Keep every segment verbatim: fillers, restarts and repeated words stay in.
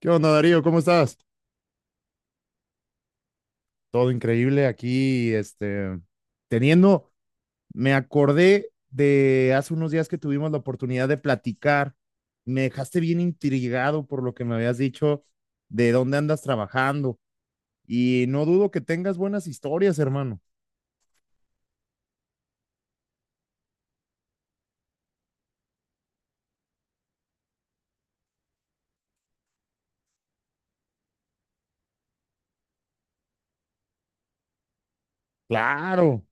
¿Qué onda, Darío? ¿Cómo estás? Todo increíble aquí, este, teniendo, me acordé de hace unos días que tuvimos la oportunidad de platicar. Me dejaste bien intrigado por lo que me habías dicho de dónde andas trabajando y no dudo que tengas buenas historias, hermano. Claro,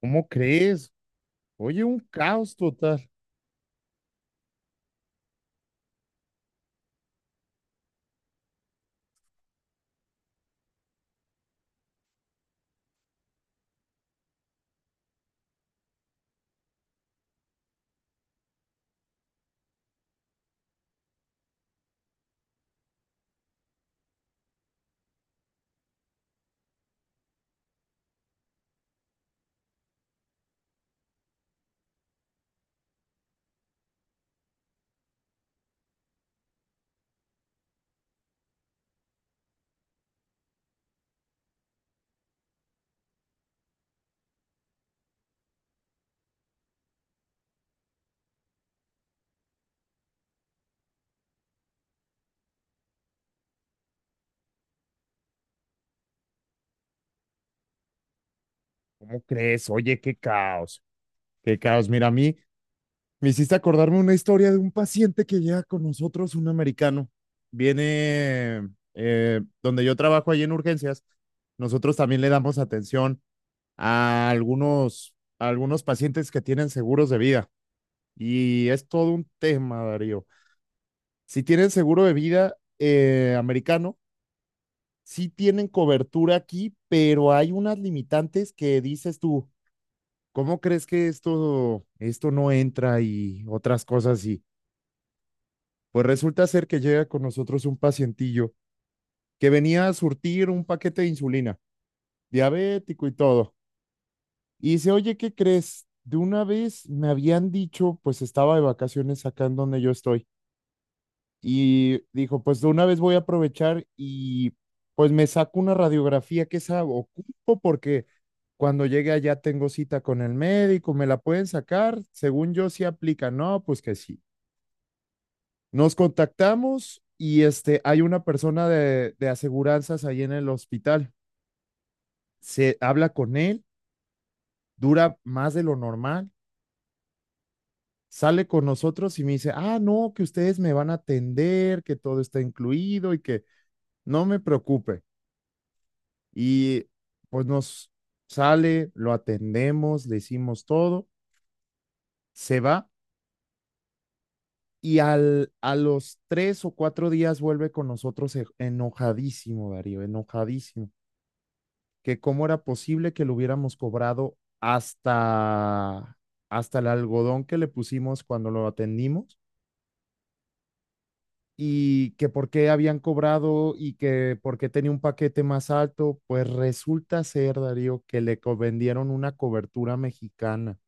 ¿cómo crees? Oye, un caos total. ¿Cómo crees? Oye, qué caos. Qué caos. Mira, a mí me hiciste acordarme una historia de un paciente que llega con nosotros, un americano. Viene eh, donde yo trabajo ahí en urgencias. Nosotros también le damos atención a algunos, a algunos pacientes que tienen seguros de vida. Y es todo un tema, Darío. Si tienen seguro de vida eh, americano, sí tienen cobertura aquí, pero hay unas limitantes que dices tú, ¿cómo crees que esto, esto no entra y otras cosas? Y pues resulta ser que llega con nosotros un pacientillo que venía a surtir un paquete de insulina, diabético y todo. Y dice, oye, ¿qué crees? De una vez me habían dicho, pues estaba de vacaciones acá en donde yo estoy. Y dijo, pues de una vez voy a aprovechar y pues me saco una radiografía que esa ocupo porque cuando llegue allá tengo cita con el médico, me la pueden sacar, según yo sí aplica, no, pues que sí. Nos contactamos y este, hay una persona de, de aseguranzas ahí en el hospital. Se habla con él, dura más de lo normal, sale con nosotros y me dice, ah, no, que ustedes me van a atender, que todo está incluido y que no me preocupe. Y pues nos sale, lo atendemos, le hicimos todo, se va y al, a los tres o cuatro días vuelve con nosotros e, enojadísimo, Darío, enojadísimo. Que cómo era posible que lo hubiéramos cobrado hasta, hasta el algodón que le pusimos cuando lo atendimos y que por qué habían cobrado y que por qué tenía un paquete más alto, pues resulta ser, Darío, que le co- vendieron una cobertura mexicana.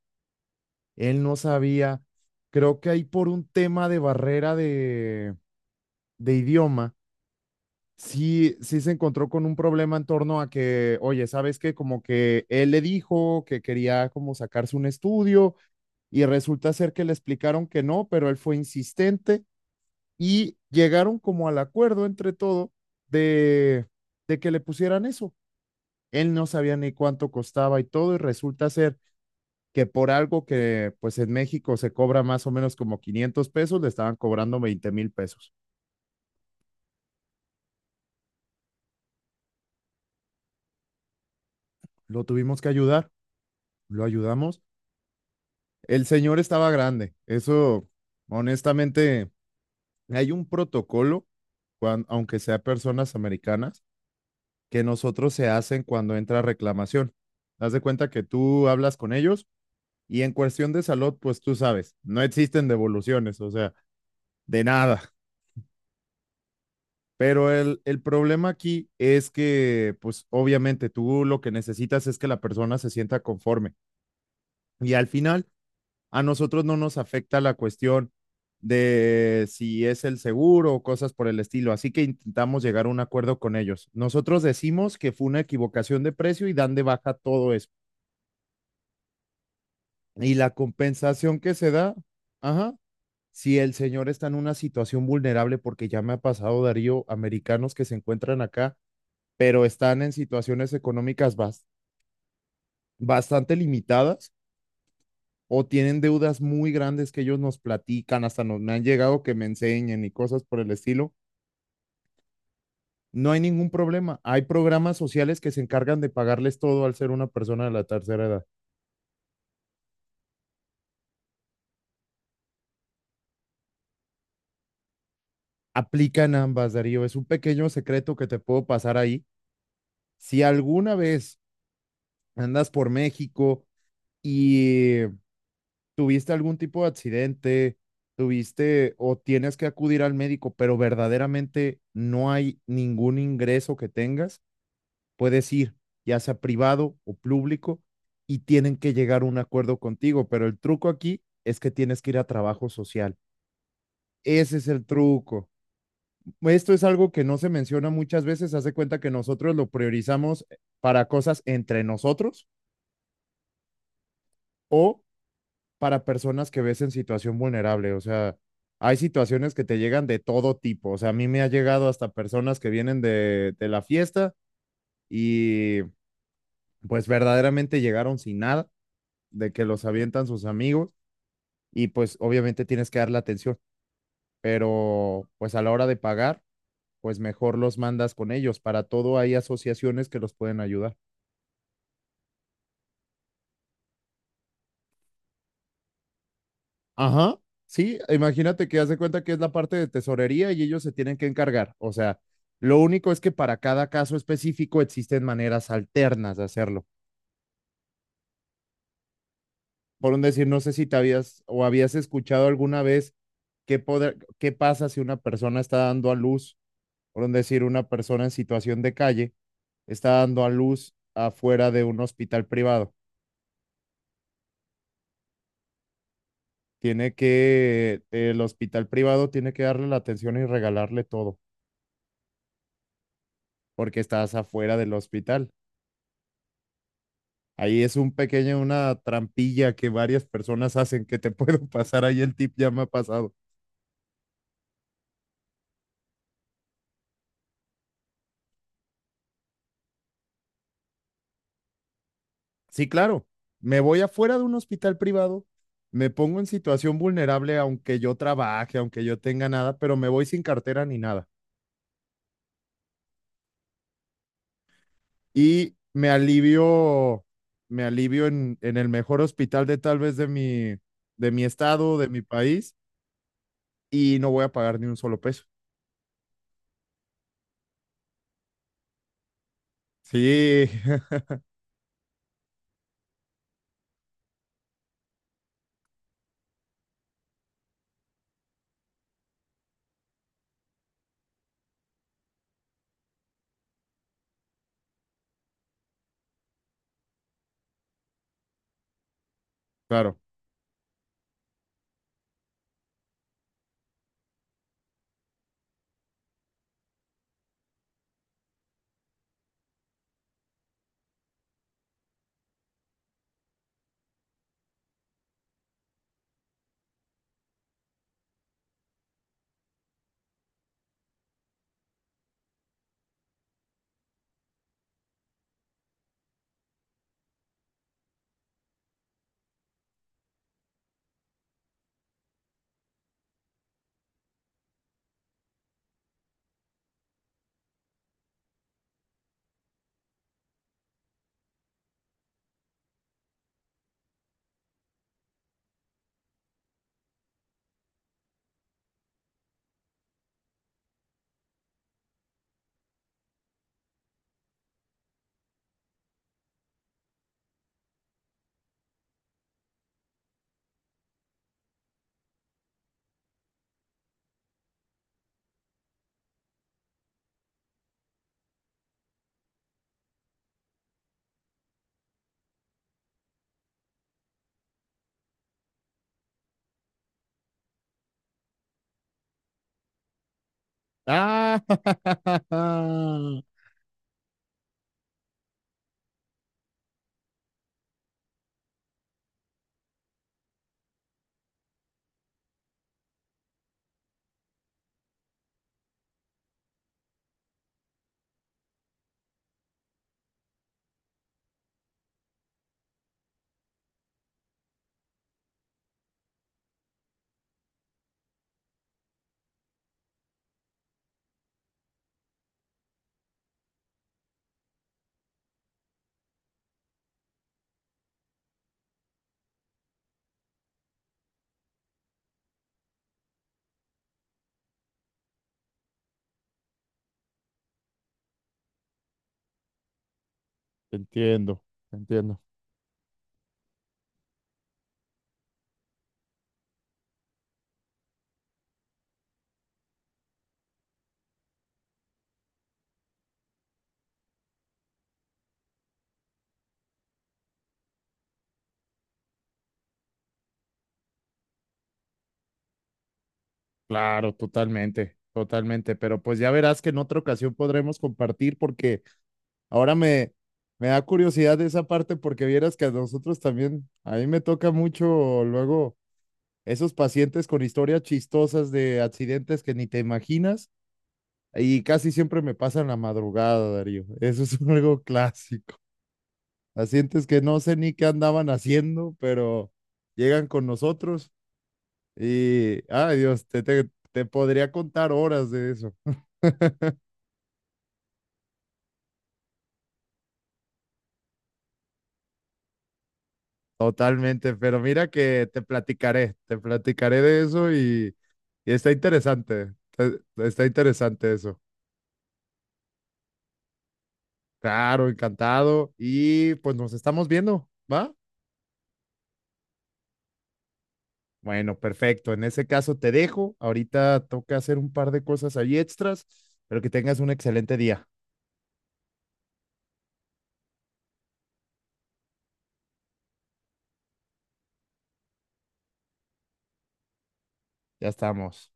Él no sabía, creo que ahí por un tema de barrera de, de idioma, sí, sí se encontró con un problema en torno a que, oye, ¿sabes qué? Como que él le dijo que quería como sacarse un estudio y resulta ser que le explicaron que no, pero él fue insistente y llegaron como al acuerdo entre todo de, de que le pusieran eso. Él no sabía ni cuánto costaba y todo y resulta ser que por algo que pues en México se cobra más o menos como quinientos pesos, le estaban cobrando veinte mil pesos. Lo tuvimos que ayudar, lo ayudamos. El señor estaba grande. Eso, honestamente, hay un protocolo, cuan- aunque sea personas americanas, que nosotros se hacen cuando entra reclamación. Haz de cuenta que tú hablas con ellos y en cuestión de salud, pues tú sabes, no existen devoluciones, o sea, de nada. Pero el, el problema aquí es que, pues obviamente tú lo que necesitas es que la persona se sienta conforme. Y al final, a nosotros no nos afecta la cuestión de si es el seguro o cosas por el estilo. Así que intentamos llegar a un acuerdo con ellos. Nosotros decimos que fue una equivocación de precio y dan de baja todo eso. Y la compensación que se da, ajá, si el señor está en una situación vulnerable, porque ya me ha pasado, Darío, americanos que se encuentran acá, pero están en situaciones económicas bas- bastante limitadas o tienen deudas muy grandes que ellos nos platican, hasta nos, me han llegado que me enseñen y cosas por el estilo. No hay ningún problema. Hay programas sociales que se encargan de pagarles todo al ser una persona de la tercera edad. Aplican ambas, Darío. Es un pequeño secreto que te puedo pasar ahí. Si alguna vez andas por México y tuviste algún tipo de accidente, tuviste o tienes que acudir al médico, pero verdaderamente no hay ningún ingreso que tengas, puedes ir, ya sea privado o público, y tienen que llegar a un acuerdo contigo, pero el truco aquí es que tienes que ir a trabajo social. Ese es el truco. Esto es algo que no se menciona muchas veces. Haz de cuenta que nosotros lo priorizamos para cosas entre nosotros o para personas que ves en situación vulnerable. O sea, hay situaciones que te llegan de todo tipo. O sea, a mí me ha llegado hasta personas que vienen de, de la fiesta y pues verdaderamente llegaron sin nada de que los avientan sus amigos y pues obviamente tienes que darle atención, pero pues a la hora de pagar, pues mejor los mandas con ellos. Para todo hay asociaciones que los pueden ayudar. Ajá. Sí, imagínate que haz de cuenta que es la parte de tesorería y ellos se tienen que encargar. O sea, lo único es que para cada caso específico existen maneras alternas de hacerlo. Por un decir, no sé si te habías o habías escuchado alguna vez qué, poder, qué pasa si una persona está dando a luz, por un decir, una persona en situación de calle está dando a luz afuera de un hospital privado. Tiene que, el hospital privado tiene que darle la atención y regalarle todo, porque estás afuera del hospital. Ahí es un pequeño, una trampilla que varias personas hacen que te puedo pasar. Ahí el tip ya me ha pasado. Sí, claro, me voy afuera de un hospital privado, me pongo en situación vulnerable, aunque yo trabaje, aunque yo tenga nada, pero me voy sin cartera ni nada. Y me alivio, me alivio en, en el mejor hospital de tal vez de mi, de mi estado, de mi país, y no voy a pagar ni un solo peso. Sí, claro. Ah, entiendo, entiendo. Claro, totalmente, totalmente. Pero pues ya verás que en otra ocasión podremos compartir porque ahora me, me da curiosidad de esa parte porque vieras que a nosotros también, a mí me toca mucho luego esos pacientes con historias chistosas de accidentes que ni te imaginas y casi siempre me pasan la madrugada, Darío. Eso es algo clásico. Pacientes que no sé ni qué andaban haciendo, pero llegan con nosotros y, ay Dios, te, te, te podría contar horas de eso. Totalmente, pero mira que te platicaré, te platicaré de eso y, y está interesante, eh, está interesante eso. Claro, encantado y pues nos estamos viendo, ¿va? Bueno, perfecto. En ese caso te dejo. Ahorita toca hacer un par de cosas ahí extras, pero que tengas un excelente día. Ya estamos.